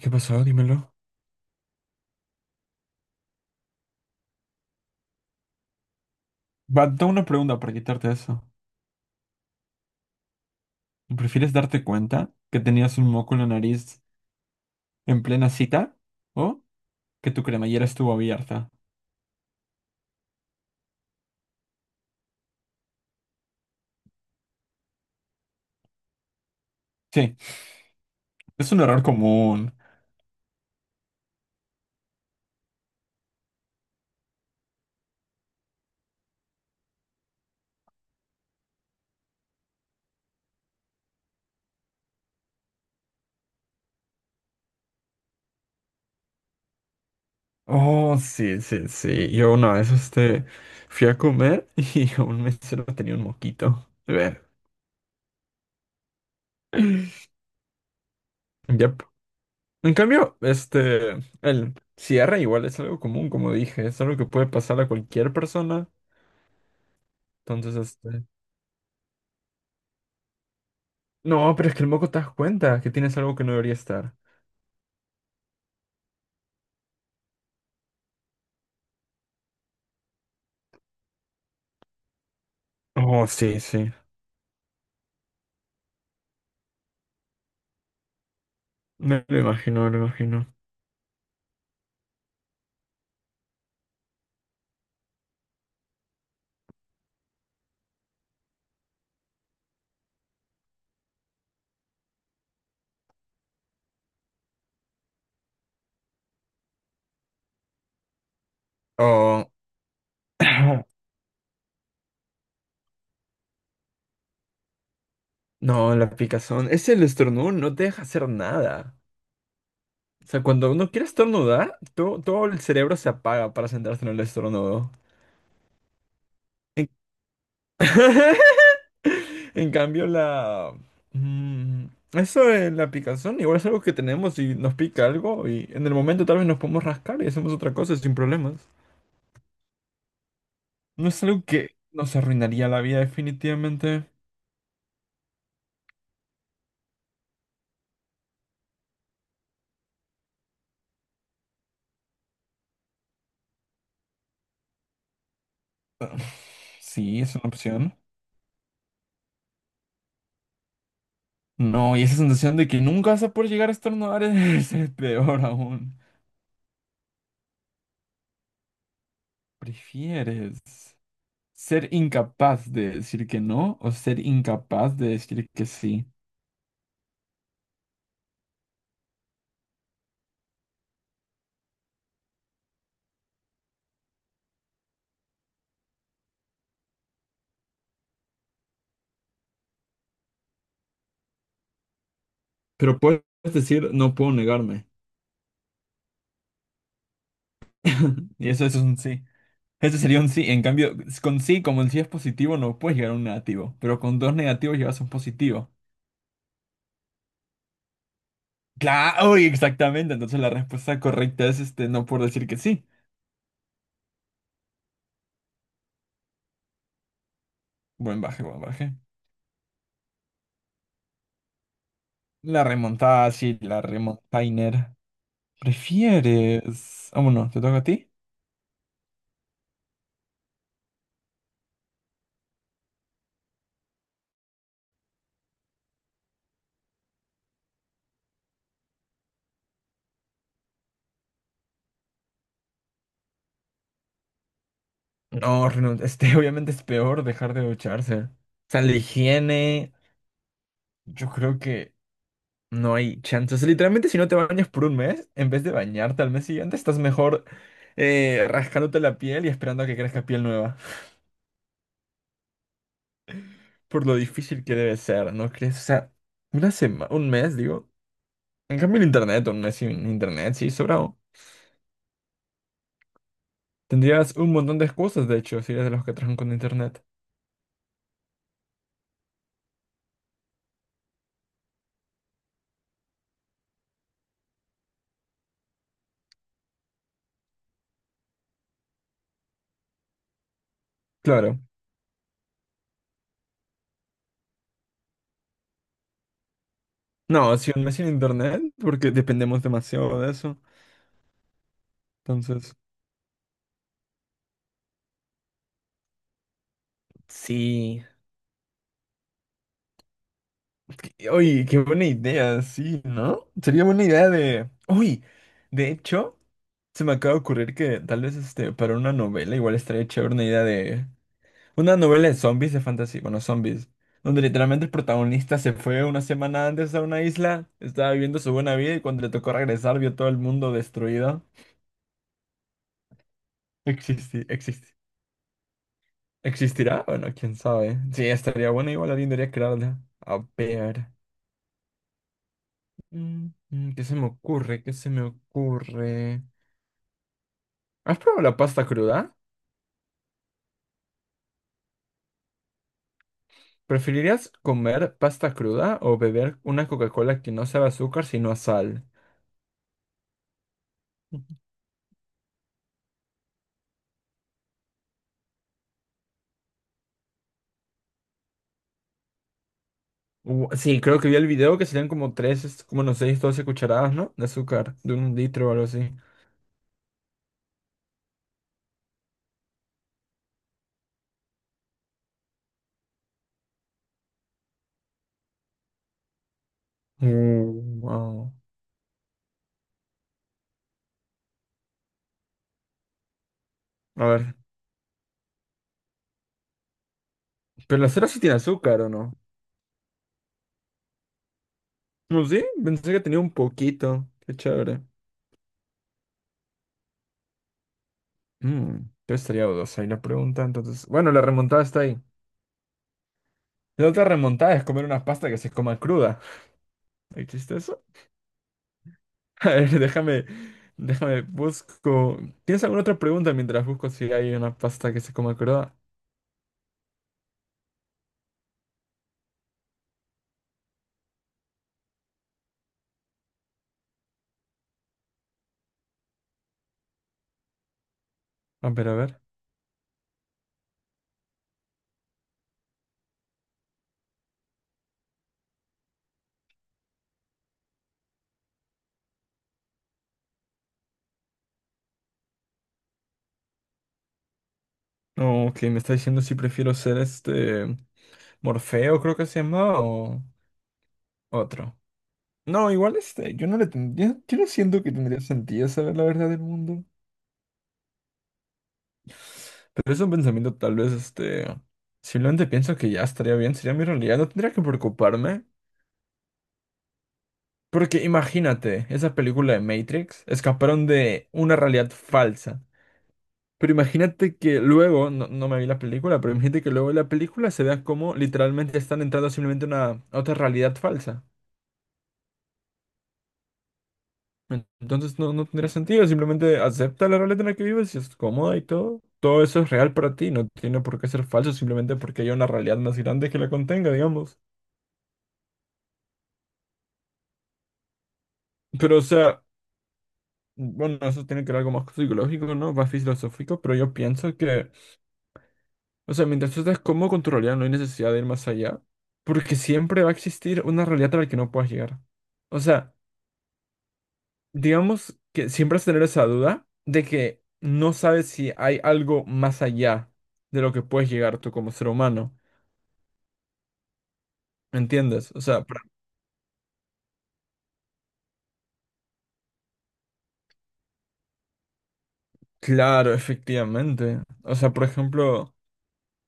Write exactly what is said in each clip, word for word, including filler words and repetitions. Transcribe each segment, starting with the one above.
¿Qué pasó? Dímelo. Va, tengo una pregunta para quitarte eso. ¿Prefieres darte cuenta que tenías un moco en la nariz en plena cita o que tu cremallera estuvo abierta? Sí, es un error común. Oh, sí, sí, sí. Yo una vez este, fui a comer y un mesero tenía un moquito. A ver. Yep. En cambio, este, el cierre igual es algo común, como dije, es algo que puede pasar a cualquier persona. Entonces, este. No, pero es que el moco te das cuenta que tienes algo que no debería estar. Oh, sí, sí. Me lo imagino, me lo imagino. Oh, no, la picazón. Es el estornudo, no te deja hacer nada. O sea, cuando uno quiere estornudar, todo, todo el cerebro se apaga para centrarse en el estornudo. En, en cambio, la mm, eso de la picazón igual es algo que tenemos y nos pica algo y en el momento tal vez nos podemos rascar y hacemos otra cosa sin problemas. No es algo que nos arruinaría la vida definitivamente. Ah, sí, es una opción. No, y esa sensación de que nunca vas a poder llegar a estornudar es, es peor aún. ¿Prefieres ser incapaz de decir que no o ser incapaz de decir que sí? Pero puedes decir no puedo negarme. Y eso, eso es un sí. Eso sería un sí. En cambio, con sí, como el sí es positivo, no puedes llegar a un negativo. Pero con dos negativos llevas a un positivo. Claro, uy, exactamente. Entonces la respuesta correcta es este, no, por decir que sí. Buen baje, buen baje. La remontada, sí, la remontainer. ¿Prefieres? Vámonos, ¿te toca a ti? No, renun- este obviamente es peor dejar de ducharse. O sea, la higiene, yo creo que no hay chances. Literalmente, si no te bañas por un mes, en vez de bañarte al mes siguiente, estás mejor, eh, rascándote la piel y esperando a que crezca piel nueva. Por lo difícil que debe ser, ¿no crees? O sea, una semana, un mes, digo. En cambio, el internet, un mes sin internet, sí, sobrado. Tendrías un montón de excusas, de hecho, si eres de los que trabajan con internet. Claro. No, si un mes sin internet, porque dependemos demasiado de eso. Entonces, sí. Qué- Uy, qué buena idea, sí, ¿no? Sería buena idea de... Uy, de hecho. Se me acaba de ocurrir que tal vez este, para una novela igual estaría chévere una idea de... Una novela de zombies, de fantasía, bueno, zombies. Donde literalmente el protagonista se fue una semana antes a una isla, estaba viviendo su buena vida y cuando le tocó regresar vio todo el mundo destruido. Existe, existe. ¿Existirá? Bueno, quién sabe. Sí, estaría bueno, igual alguien debería crearla. A ver. Mm, mm, ¿qué se me ocurre? ¿Qué se me ocurre? ¿Has probado la pasta cruda? ¿Preferirías comer pasta cruda o beber una Coca-Cola que no sabe a azúcar sino a sal? U- sí, creo que vi el video que serían como tres, como no seis, doce cucharadas, ¿no? De azúcar, de un litro o algo así. Uh, wow. A ver, pero la cera sí tiene azúcar, ¿o no? No, sí, pensé que tenía un poquito. Qué chévere. Mm, yo estaría dudosa ahí la pregunta, entonces. Bueno, la remontada está ahí. La otra remontada es comer una pasta que se coma cruda. ¿Existe eso? A ver, déjame, déjame, busco. ¿Tienes alguna otra pregunta mientras busco si hay una pasta que se coma cruda? A ver, a ver. No, que me está diciendo si prefiero ser este Morfeo, creo que se llama, o otro. No, igual este, yo no le tendría, yo no siento que tendría sentido saber la verdad del mundo. Pero es un pensamiento tal vez este, simplemente pienso que ya estaría bien, sería mi realidad, no tendría que preocuparme. Porque imagínate, esa película de Matrix escaparon de una realidad falsa. Pero imagínate que luego, no, no me vi la película, pero imagínate que luego en la película se vea como literalmente están entrando simplemente a una a otra realidad falsa. En- entonces no, no tendría sentido, simplemente acepta la realidad en la que vives y es cómoda y todo. Todo eso es real para ti, no tiene por qué ser falso simplemente porque haya una realidad más grande que la contenga, digamos. Pero o sea, bueno, eso tiene que ver algo más psicológico, ¿no? Más filosófico, pero yo pienso que, o sea, mientras tú estés cómodo con tu realidad, no hay necesidad de ir más allá, porque siempre va a existir una realidad a la que no puedas llegar. O sea, digamos que siempre vas a tener esa duda de que no sabes si hay algo más allá de lo que puedes llegar tú como ser humano. ¿Me entiendes? O sea, pra- claro, efectivamente. O sea, por ejemplo,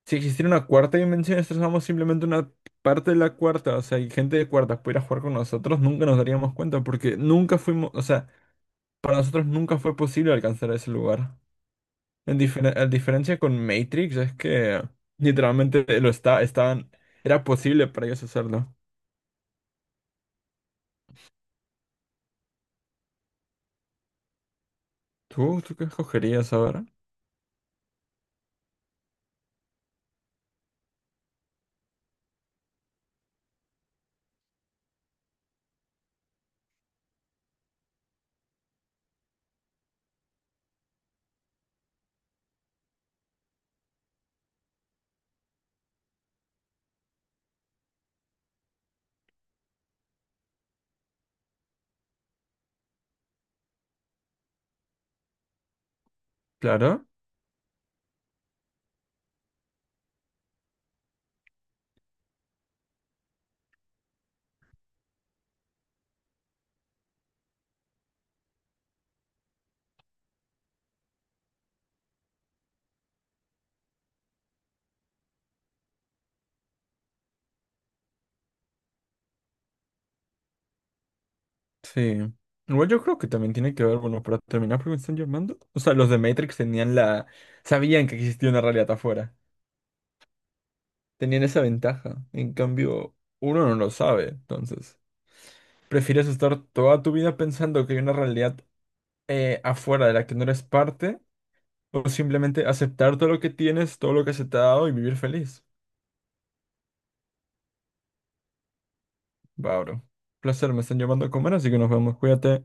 si existiera una cuarta dimensión, nosotros somos simplemente una parte de la cuarta. O sea, y gente de cuartas pudiera jugar con nosotros, nunca nos daríamos cuenta, porque nunca fuimos, o sea, para nosotros nunca fue posible alcanzar ese lugar. En difer- a diferencia con Matrix es que literalmente lo está, estaban, era posible para ellos hacerlo. ¿Tú, tú qué escogerías ahora? Claro, sí. Igual yo creo que también tiene que ver, bueno, para terminar, porque me están llamando. O sea, los de Matrix tenían la, sabían que existía una realidad afuera. Tenían esa ventaja. En cambio, uno no lo sabe, entonces. ¿Prefieres estar toda tu vida pensando que hay una realidad eh, afuera de la que no eres parte? O simplemente aceptar todo lo que tienes, todo lo que se te ha dado y vivir feliz. Va, bro. Placer, me están llamando a comer, así que nos vemos. Cuídate.